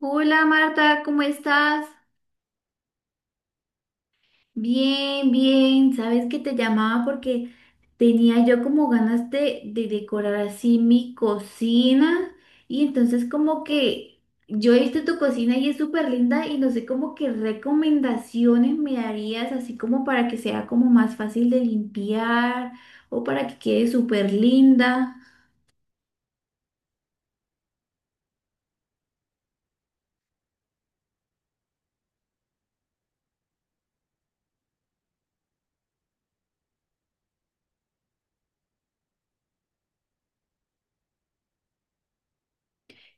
Hola Marta, ¿cómo estás? Bien, bien. Sabes que te llamaba porque tenía yo como ganas de decorar así mi cocina y entonces como que yo he visto tu cocina y es súper linda y no sé como qué recomendaciones me darías así como para que sea como más fácil de limpiar o para que quede súper linda.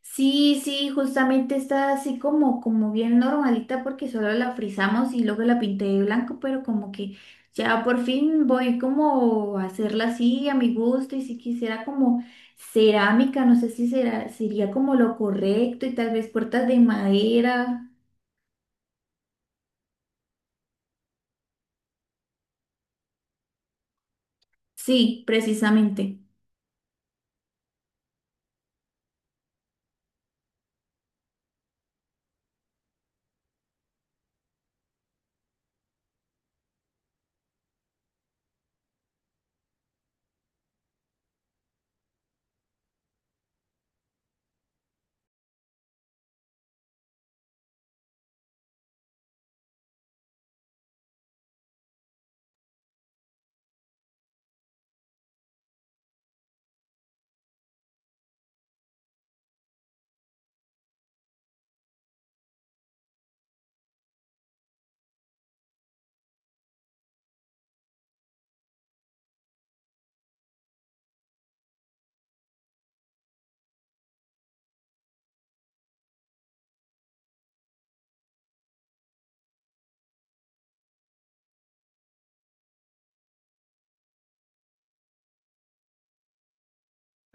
Sí, sí, justamente está así como, como bien normalita porque solo la frizamos y luego la pinté de blanco, pero como que ya por fin voy como a hacerla así a mi gusto y si quisiera como cerámica, no sé si será, sería como lo correcto y tal vez puertas de madera. Sí, precisamente.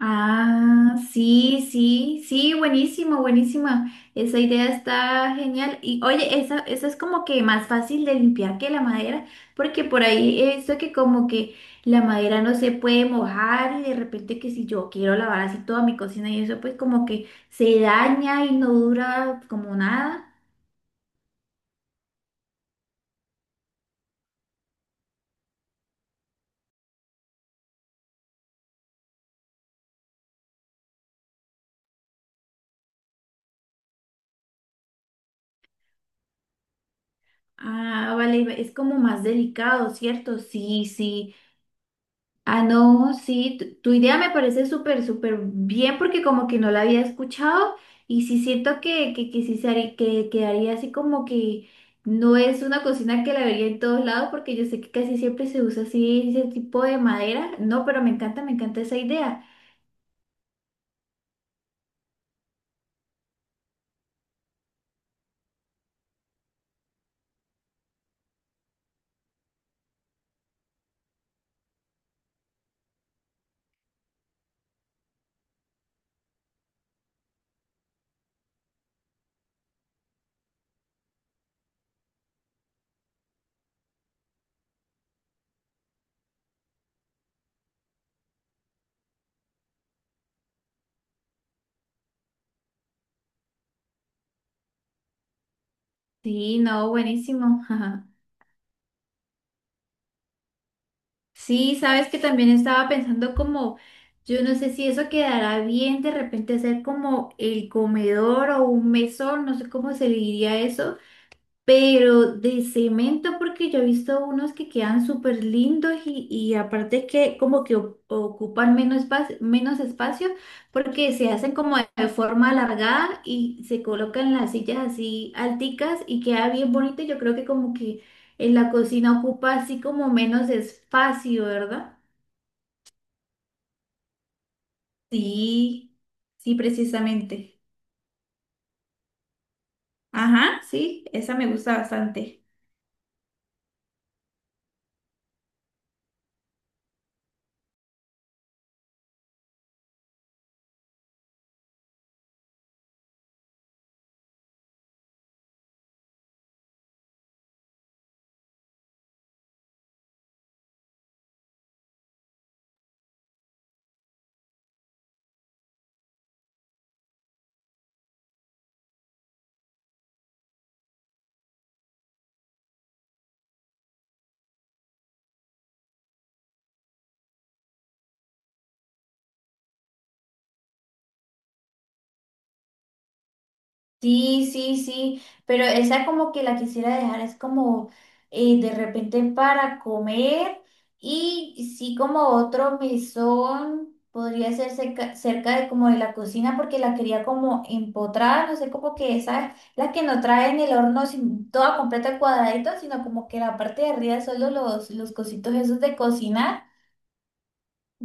Ah, sí, sí, sí, buenísimo, buenísima. Esa idea está genial. Y oye, esa es como que más fácil de limpiar que la madera, porque por ahí he visto que como que la madera no se puede mojar y de repente que si yo quiero lavar así toda mi cocina y eso, pues como que se daña y no dura como nada. Ah, vale, es como más delicado, ¿cierto? Sí, sí. Ah, no, sí, tu idea me parece súper, súper bien porque como que no la había escuchado y sí siento que sí se haría- que quedaría así como que no es una cocina que la vería en todos lados porque yo sé que casi siempre se usa así ese tipo de madera. No, pero me encanta esa idea. Sí, no, buenísimo. Ajá. Sí, sabes que también estaba pensando como, yo no sé si eso quedará bien de repente hacer como el comedor o un mesón, no sé cómo se le diría eso. Pero de cemento, porque yo he visto unos que quedan súper lindos y aparte que como que ocupan menos espacio, porque se hacen como de forma alargada y se colocan las sillas así alticas y queda bien bonito. Yo creo que como que en la cocina ocupa así como menos espacio, ¿verdad? Sí, sí, precisamente. Ajá, sí, esa me gusta bastante. Sí, sí, sí, pero esa como que la quisiera dejar, es como de repente para comer y sí como otro mesón podría ser cerca, cerca de como de la cocina porque la quería como empotrar, no sé, como que esa la que no trae en el horno sin, toda completa cuadradito, sino como que la parte de arriba solo los cositos esos de cocinar.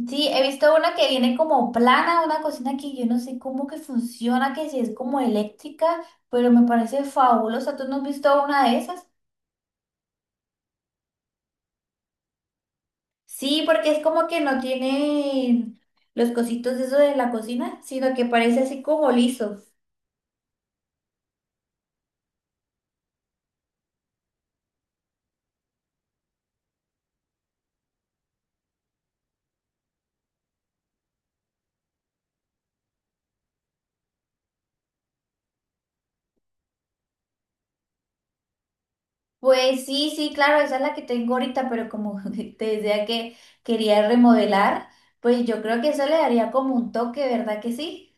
Sí, he visto una que viene como plana, una cocina que yo no sé cómo que funciona, que si es como eléctrica, pero me parece fabulosa. ¿Tú no has visto una de esas? Sí, porque es como que no tiene los cositos de eso de la cocina, sino que parece así como liso. Pues sí, sí, claro, esa es la que tengo ahorita, pero como te decía que quería remodelar, pues yo creo que eso le daría como un toque, ¿verdad que sí?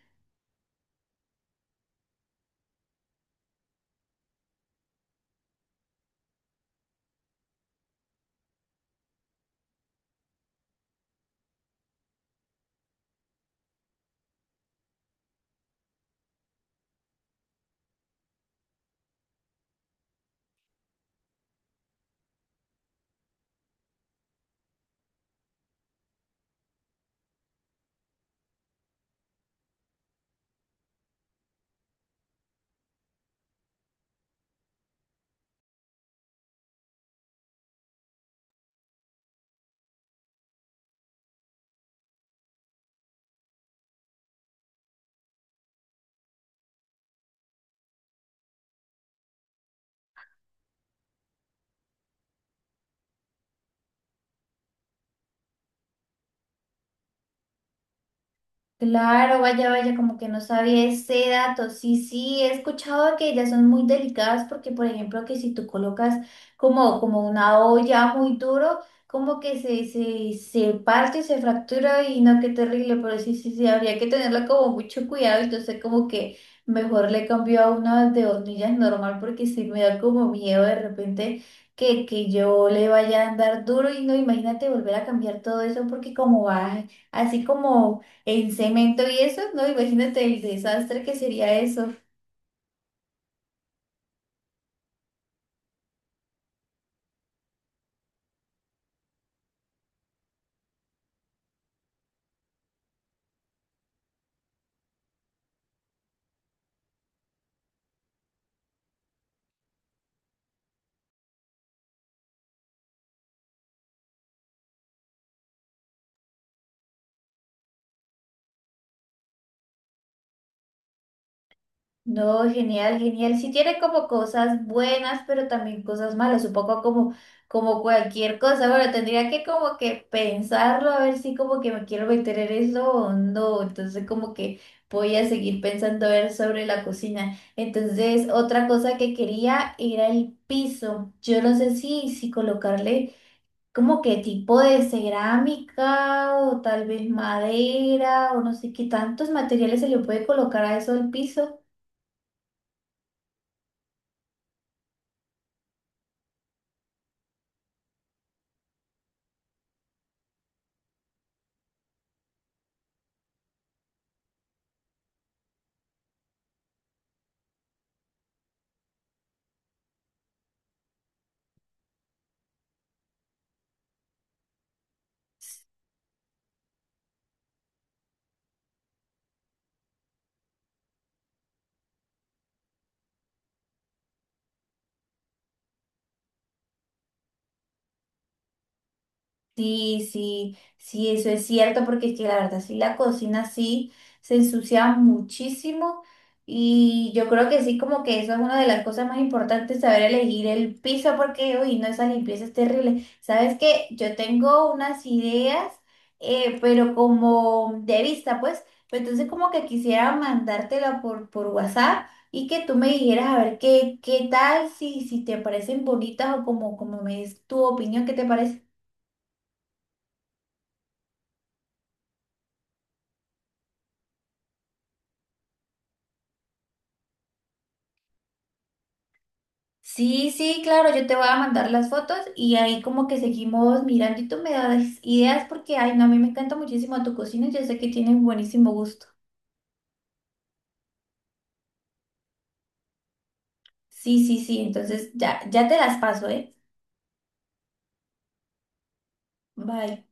Claro, vaya, vaya, como que no sabía ese dato. Sí, sí, he escuchado que ellas son muy delicadas porque, por ejemplo, que si tú colocas como, como una olla muy duro, como que se parte, se fractura y no, qué terrible, pero sí, sí, sí, habría que tenerlo como mucho cuidado. Entonces, como que mejor le cambio a una de hornillas normal porque sí me da como miedo de repente que yo le vaya a andar duro y no, imagínate volver a cambiar todo eso porque como va así como... En cemento y eso, no, imagínate el desastre que sería eso. No, genial, genial. Sí tiene como cosas buenas, pero también cosas malas, un poco como, como cualquier cosa. Bueno, tendría que como que pensarlo, a ver si como que me quiero meter en eso o no. Entonces como que voy a seguir pensando a ver sobre la cocina. Entonces, otra cosa que quería era el piso. Yo no sé si colocarle como que tipo de cerámica o tal vez madera o no sé qué tantos materiales se le puede colocar a eso al piso. Sí, sí, sí, eso es cierto, porque es que la verdad, sí, la cocina sí se ensucia muchísimo y yo creo que sí, como que eso es una de las cosas más importantes, saber elegir el piso, porque, uy, no, esa limpieza es terrible. Sabes que yo tengo unas ideas, pero como de vista, pues, pero entonces como que quisiera mandártela por WhatsApp y que tú me dijeras a ver qué, qué tal, si, si te parecen bonitas o como, como me es tu opinión, ¿qué te parece? Sí, sí, claro, yo te voy a mandar las fotos y ahí como que seguimos mirando y tú me das ideas porque, ay, no, a mí me encanta muchísimo tu cocina y yo sé que tienes buenísimo gusto. Sí, sí, sí, entonces ya, ya te las paso, ¿eh? Bye.